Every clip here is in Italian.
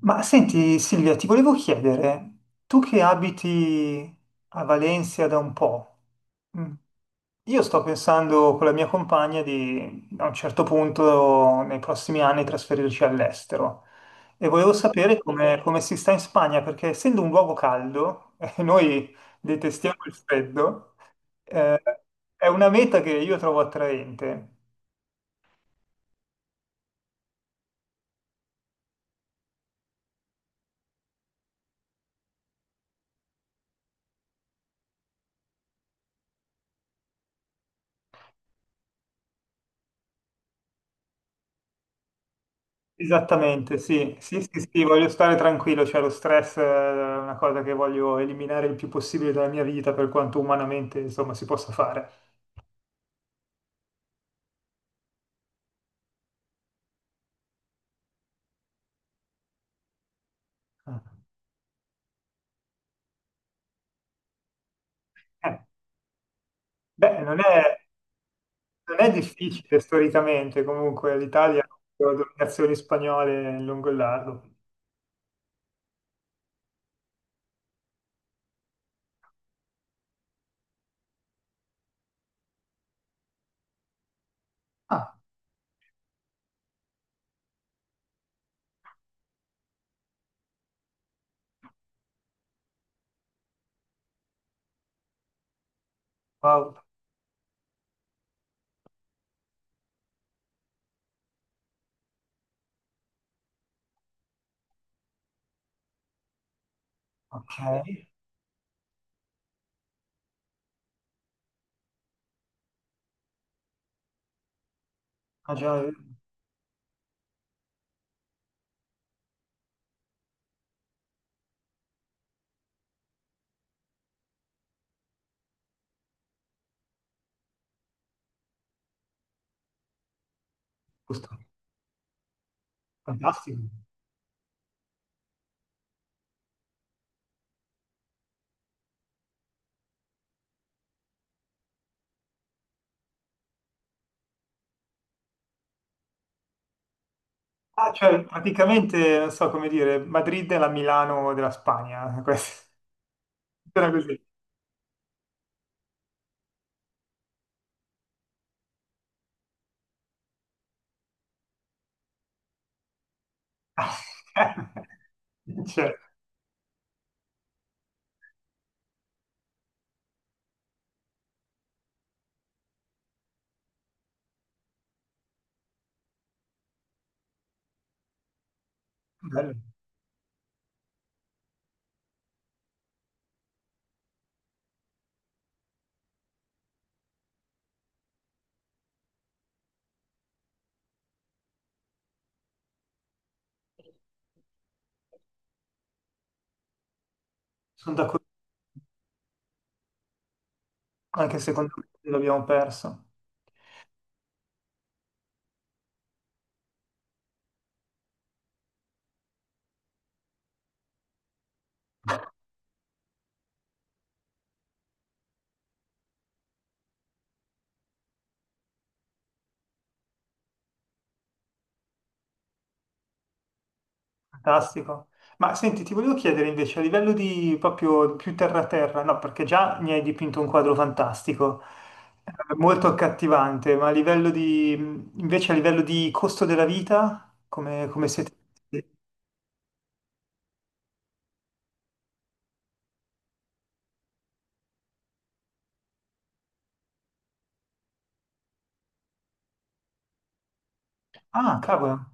Ma senti Silvia, ti volevo chiedere, tu che abiti a Valencia da un po', mm, io sto pensando con la mia compagna di a un certo punto nei prossimi anni trasferirci all'estero e volevo sapere come si sta in Spagna perché essendo un luogo caldo, e noi detestiamo il freddo, eh, è una meta che io trovo attraente. Esattamente, sì. Sì, sì, sì, voglio stare tranquillo, cioè lo stress è una cosa che voglio eliminare il più possibile dalla mia vita per quanto umanamente, insomma, si possa fare. Eh, eh, beh, non è difficile storicamente, comunque l'Italia ha avuto dominazioni spagnole lungo il largo. Ah, wow, ok. Ah, già, giusto. Fantastico. Ah, cioè, praticamente, non so come dire, Madrid è la Milano della Spagna, questo. Era così. Cioè, bello. Sono d'accordo, anche secondo me l'abbiamo perso. Fantastico. Ma senti, ti volevo chiedere invece a livello di proprio più terra-terra, no, perché già mi hai dipinto un quadro fantastico, molto accattivante, ma a livello di, invece a livello di costo della vita, come siete? Ah, cavolo.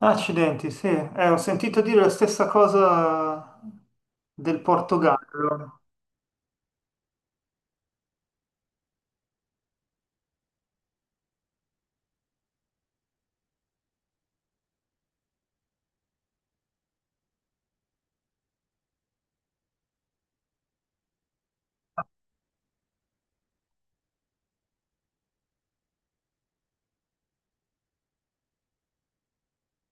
Accidenti, sì. Ho sentito dire la stessa cosa del Portogallo.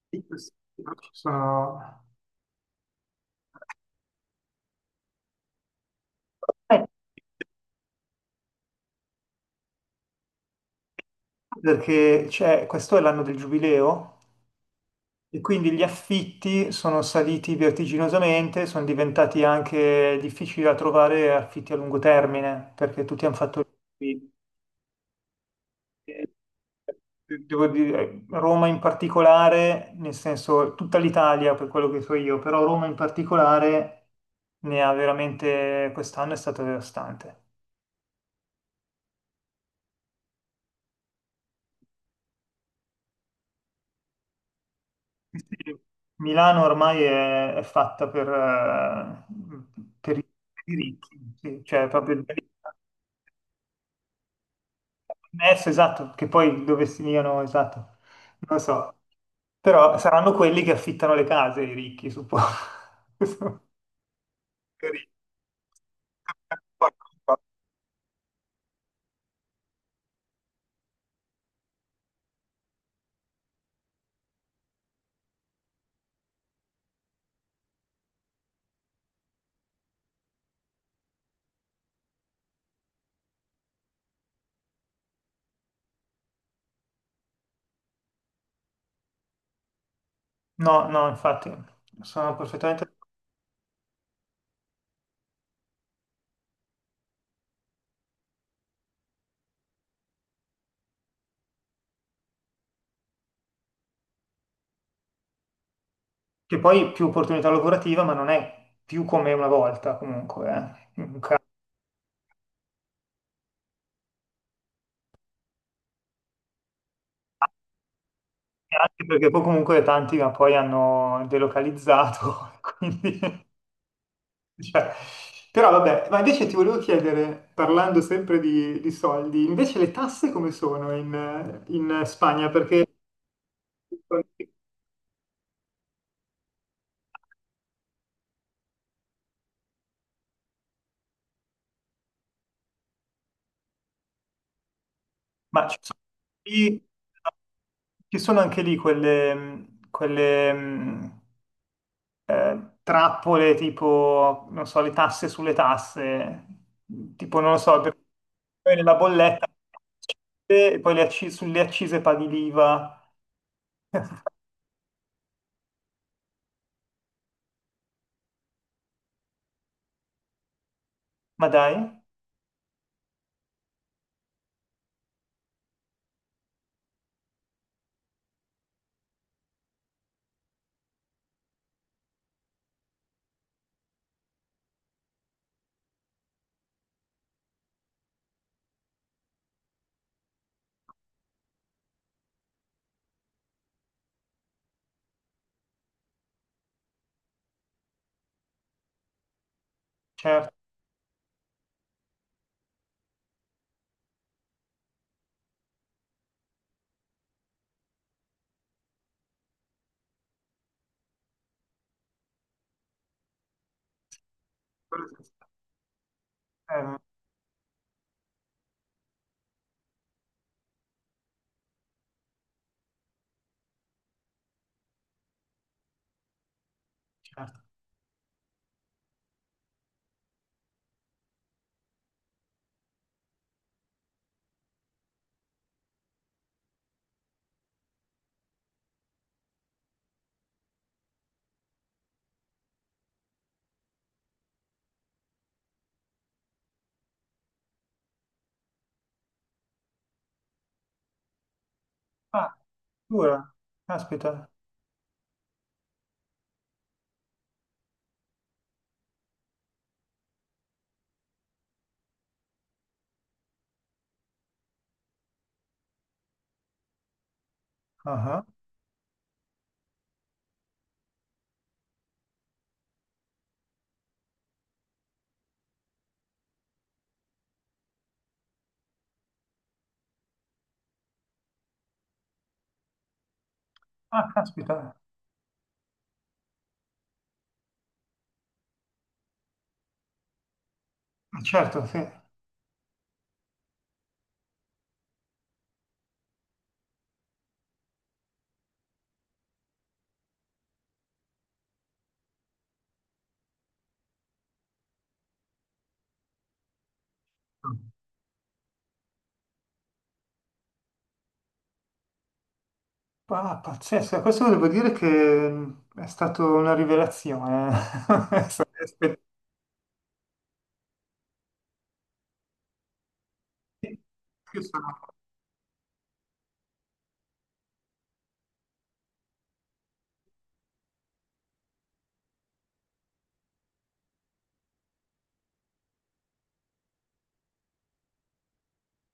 Sì, sì, ci sono... Eh, questo è l'anno del giubileo e quindi gli affitti sono saliti vertiginosamente, sono diventati anche difficili da trovare affitti a lungo termine, perché tutti hanno fatto... Eh, devo dire, Roma in particolare, nel senso tutta l'Italia per quello che so io, però Roma in particolare ne ha veramente, quest'anno è stata devastante. Sì, Milano ormai è fatta per i ricchi, sì, cioè proprio il messo, esatto, che poi dove stiano, esatto, non lo so, però saranno quelli che affittano le case, i ricchi, suppongo. Per- No, no, infatti, sono perfettamente... Che poi più opportunità lavorativa, ma non è più come una volta comunque, eh. Anche perché poi comunque tanti ma poi hanno delocalizzato, quindi... cioè, però vabbè, ma invece ti volevo chiedere, parlando sempre di soldi, invece le tasse come sono in Spagna? Perché... Ma ci sono, lì- ci sono anche lì quelle trappole tipo, non so, le tasse sulle tasse, tipo, non lo so, poi nella bolletta, e poi le acci- sulle accise paghi l'IVA, ma dai, certo. Eh, certo. Ah, dura, caspita. Ah, ah. Ah, caspita. Ah, certo, sì. Ah, pazzesco, questo devo dire che è stata una rivelazione. Aspetti. Io sono-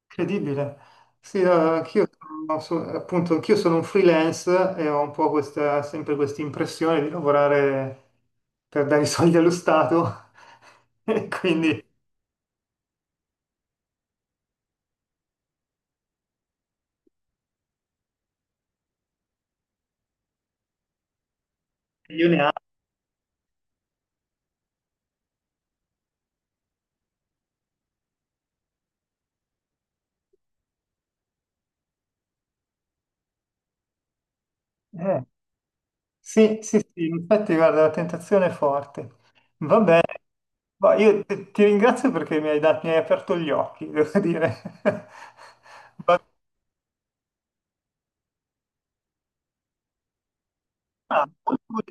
Incredibile. Sì, no, appunto, anch'io sono un freelance e ho un po' questa, sempre questa impressione di lavorare per dare i soldi allo Stato, e quindi io ne ha. Eh, sì, sì, sì, infatti guarda, la tentazione è forte. Vabbè, ma io ti ringrazio perché mi hai aperto gli occhi, devo dire. Ah, molto vol-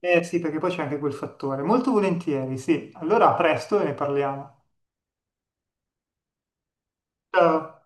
sì, perché poi c'è anche quel fattore. Molto volentieri, sì. Allora, a presto e ne parliamo. Ciao.